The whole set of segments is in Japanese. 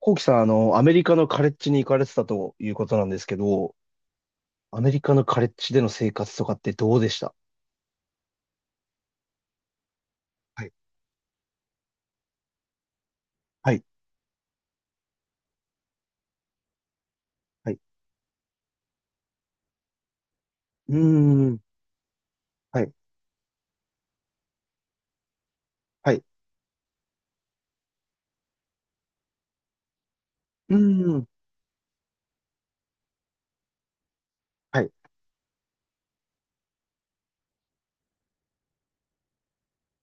コウキさん、アメリカのカレッジに行かれてたということなんですけど、アメリカのカレッジでの生活とかってどうでした？はい、はい、はい。うーん、はい、はい。うーん、はい、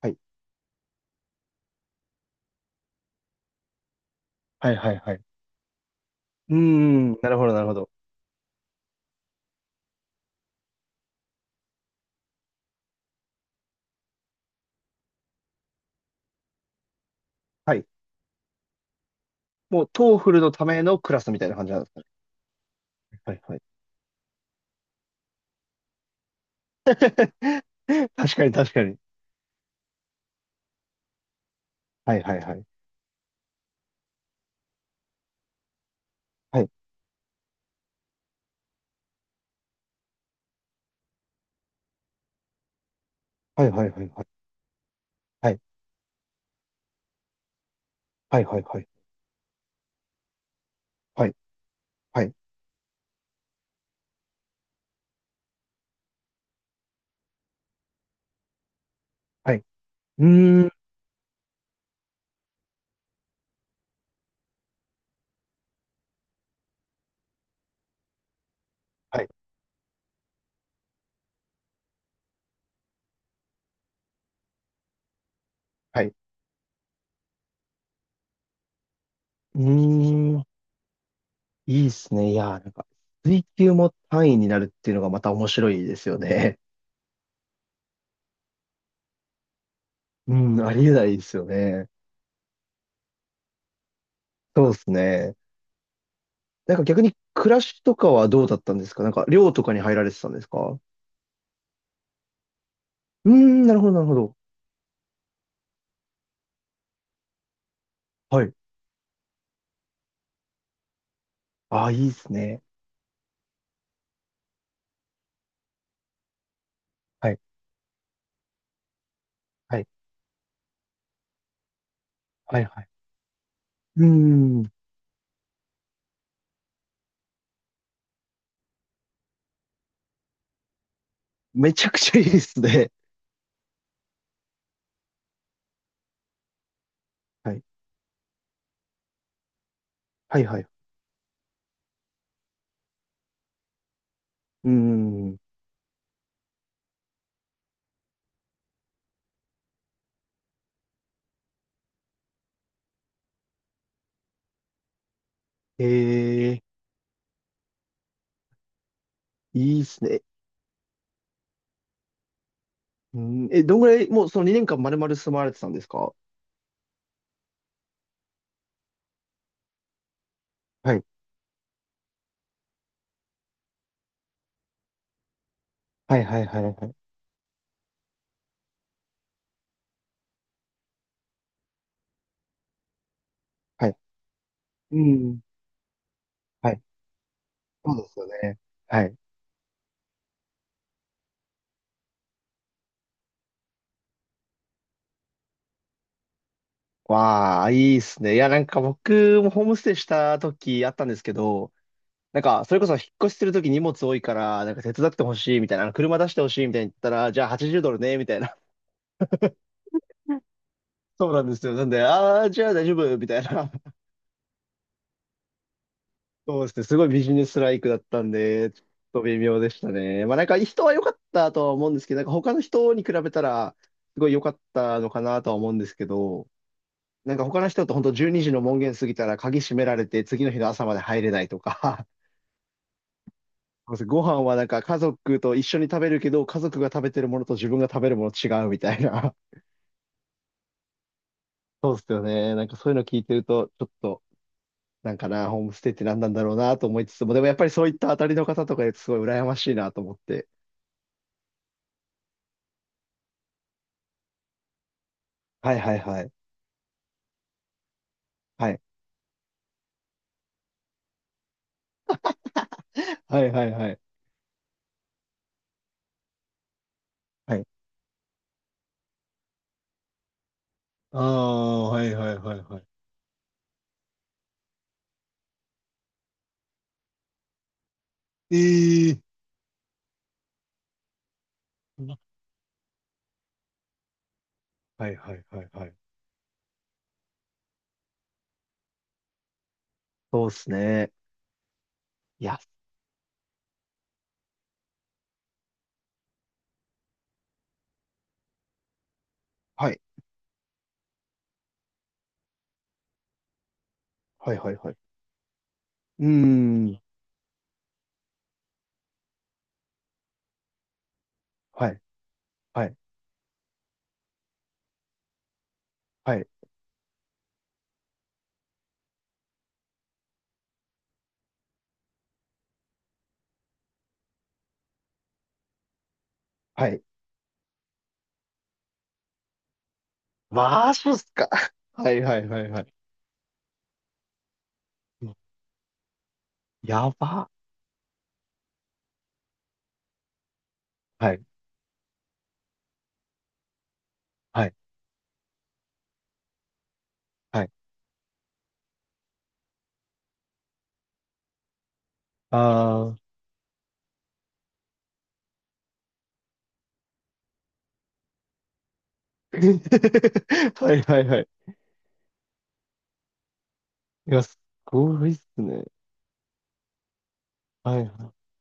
はい、はい、はい、はい。うーん、なるほど、なるほど。はい。もう、トーフルのためのクラスみたいな感じなんですかね？はい、はい。確かに、確かに。はい、はい、はい。はい、はい、はい、はい、はい。はい、はい、はい、はい。はい、はい、はい。うーん、はい、はい。うーん。いいですね。いやー、なんか、水球も単位になるっていうのがまた面白いですよね。うん、ありえないですよね。そうですね。なんか逆に、暮らしとかはどうだったんですか？なんか、寮とかに入られてたんですか？うーん、なるほど、なるほど。はい。ああ、いいですね。はい、はい、はい、はい。うーん、めちゃくちゃいいですね。はい、はい、はい。うーん、ええ、いいですね。うーん、え、どんぐらい、もうその2年間丸々住まわれてたんですか？はい、はい、はい、はい、はい。はい、うん。はい、そうですよね。はい。わあ、いいっすね。いや、なんか僕もホームステイした時あったんですけど、なんか、それこそ引っ越しする時荷物多いから、なんか手伝ってほしいみたいな、あの車出してほしいみたいに言ったら、じゃあ80ドルね、みたいな。そうなんですよ。なんで、ああ、じゃあ大丈夫、みたいな。そうですね。すごいビジネスライクだったんで、ちょっと微妙でしたね。まあなんか人は良かったとは思うんですけど、なんか他の人に比べたら、すごい良かったのかなとは思うんですけど、なんか他の人と本当12時の門限過ぎたら鍵閉められて次の日の朝まで入れないとか、ご飯はなんか家族と一緒に食べるけど、家族が食べてるものと自分が食べるもの違うみたいな。そうっすよね。なんかそういうの聞いてると、ちょっと、なんかな、ホームステイって何なんだろうなと思いつつも、でもやっぱりそういった当たりの方とかいるとすごい羨ましいなと思って。はいはいはい。はい。はいはいはい。はい。ああ、はいはいはいはい。ええ、はいはいはいはい。そうっすね。いや、はい。はいはいはい。うーん。はい、はい、はい、はい。マジっすか？はい、はい、はい、はい。やば。はい、はい、はい。あー。はい、はい、はい。いや、すごいっすね。はい、はい。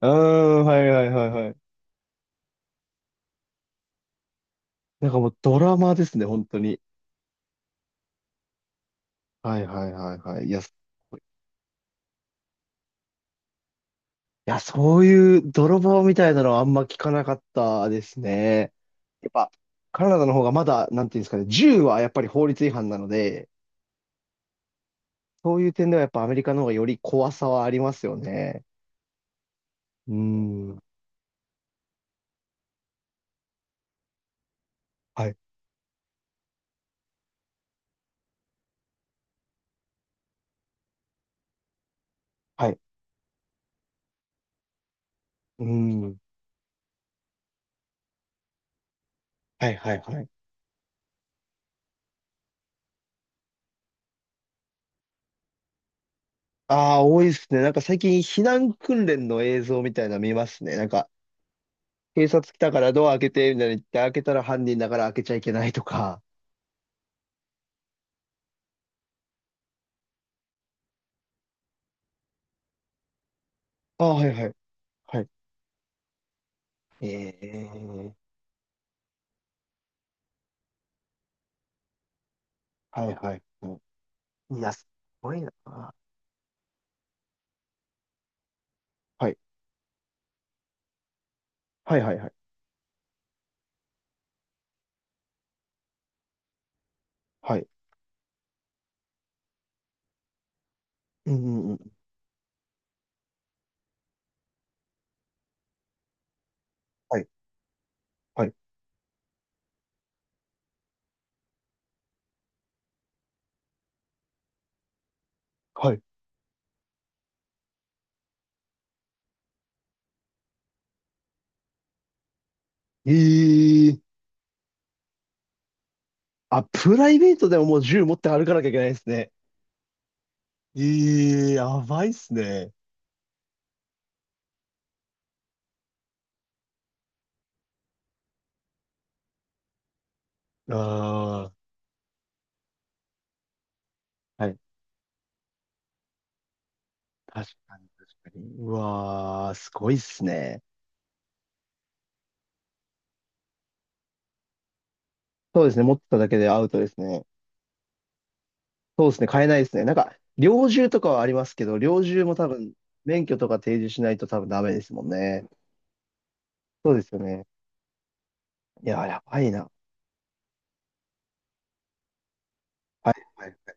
うーん、はい、はい、はい、はい。なんかもうドラマですね、本当に。はい、はい、はい、はい。いや、すごい。いや、そういう泥棒みたいなのはあんま聞かなかったですね。やっぱ、カナダの方がまだ、なんていうんですかね、銃はやっぱり法律違反なので、そういう点ではやっぱアメリカの方がより怖さはありますよね。うーん。はい、はい。うーん。はい、はい、はい。ああ、多いですね。なんか最近避難訓練の映像みたいなの見ますね。なんか、警察来たからドア開けて、みたいに言って、開けたら犯人だから開けちゃいけないとか。ああ、はい、はい、はい。ええー、はい、はい。うん、いや、すごいな。はい、はい、はい、はい。はい。うん、うん、うん。はい、はい、はい。ええー。あ、プライベートでももう銃持って歩かなきゃいけないですね。ええ、やばいっすね。ああ、はい。確かに、確かに。うわー、すごいっすね。そうですね。持ってただけでアウトですね。そうですね。買えないですね。なんか、猟銃とかはありますけど、猟銃も多分、免許とか提示しないと多分ダメですもんね。そうですよね。いやー、やばいな。はい、はい、はい。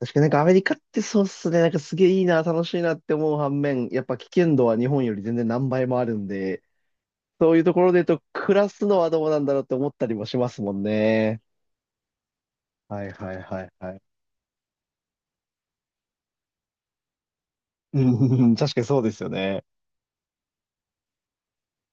確かになんかアメリカってそうっすね。なんかすげえいいな、楽しいなって思う反面、やっぱ危険度は日本より全然何倍もあるんで、そういうところで言うと、暮らすのはどうなんだろうって思ったりもしますもんね。はいはいはいはい。うん、確かにそうですよね。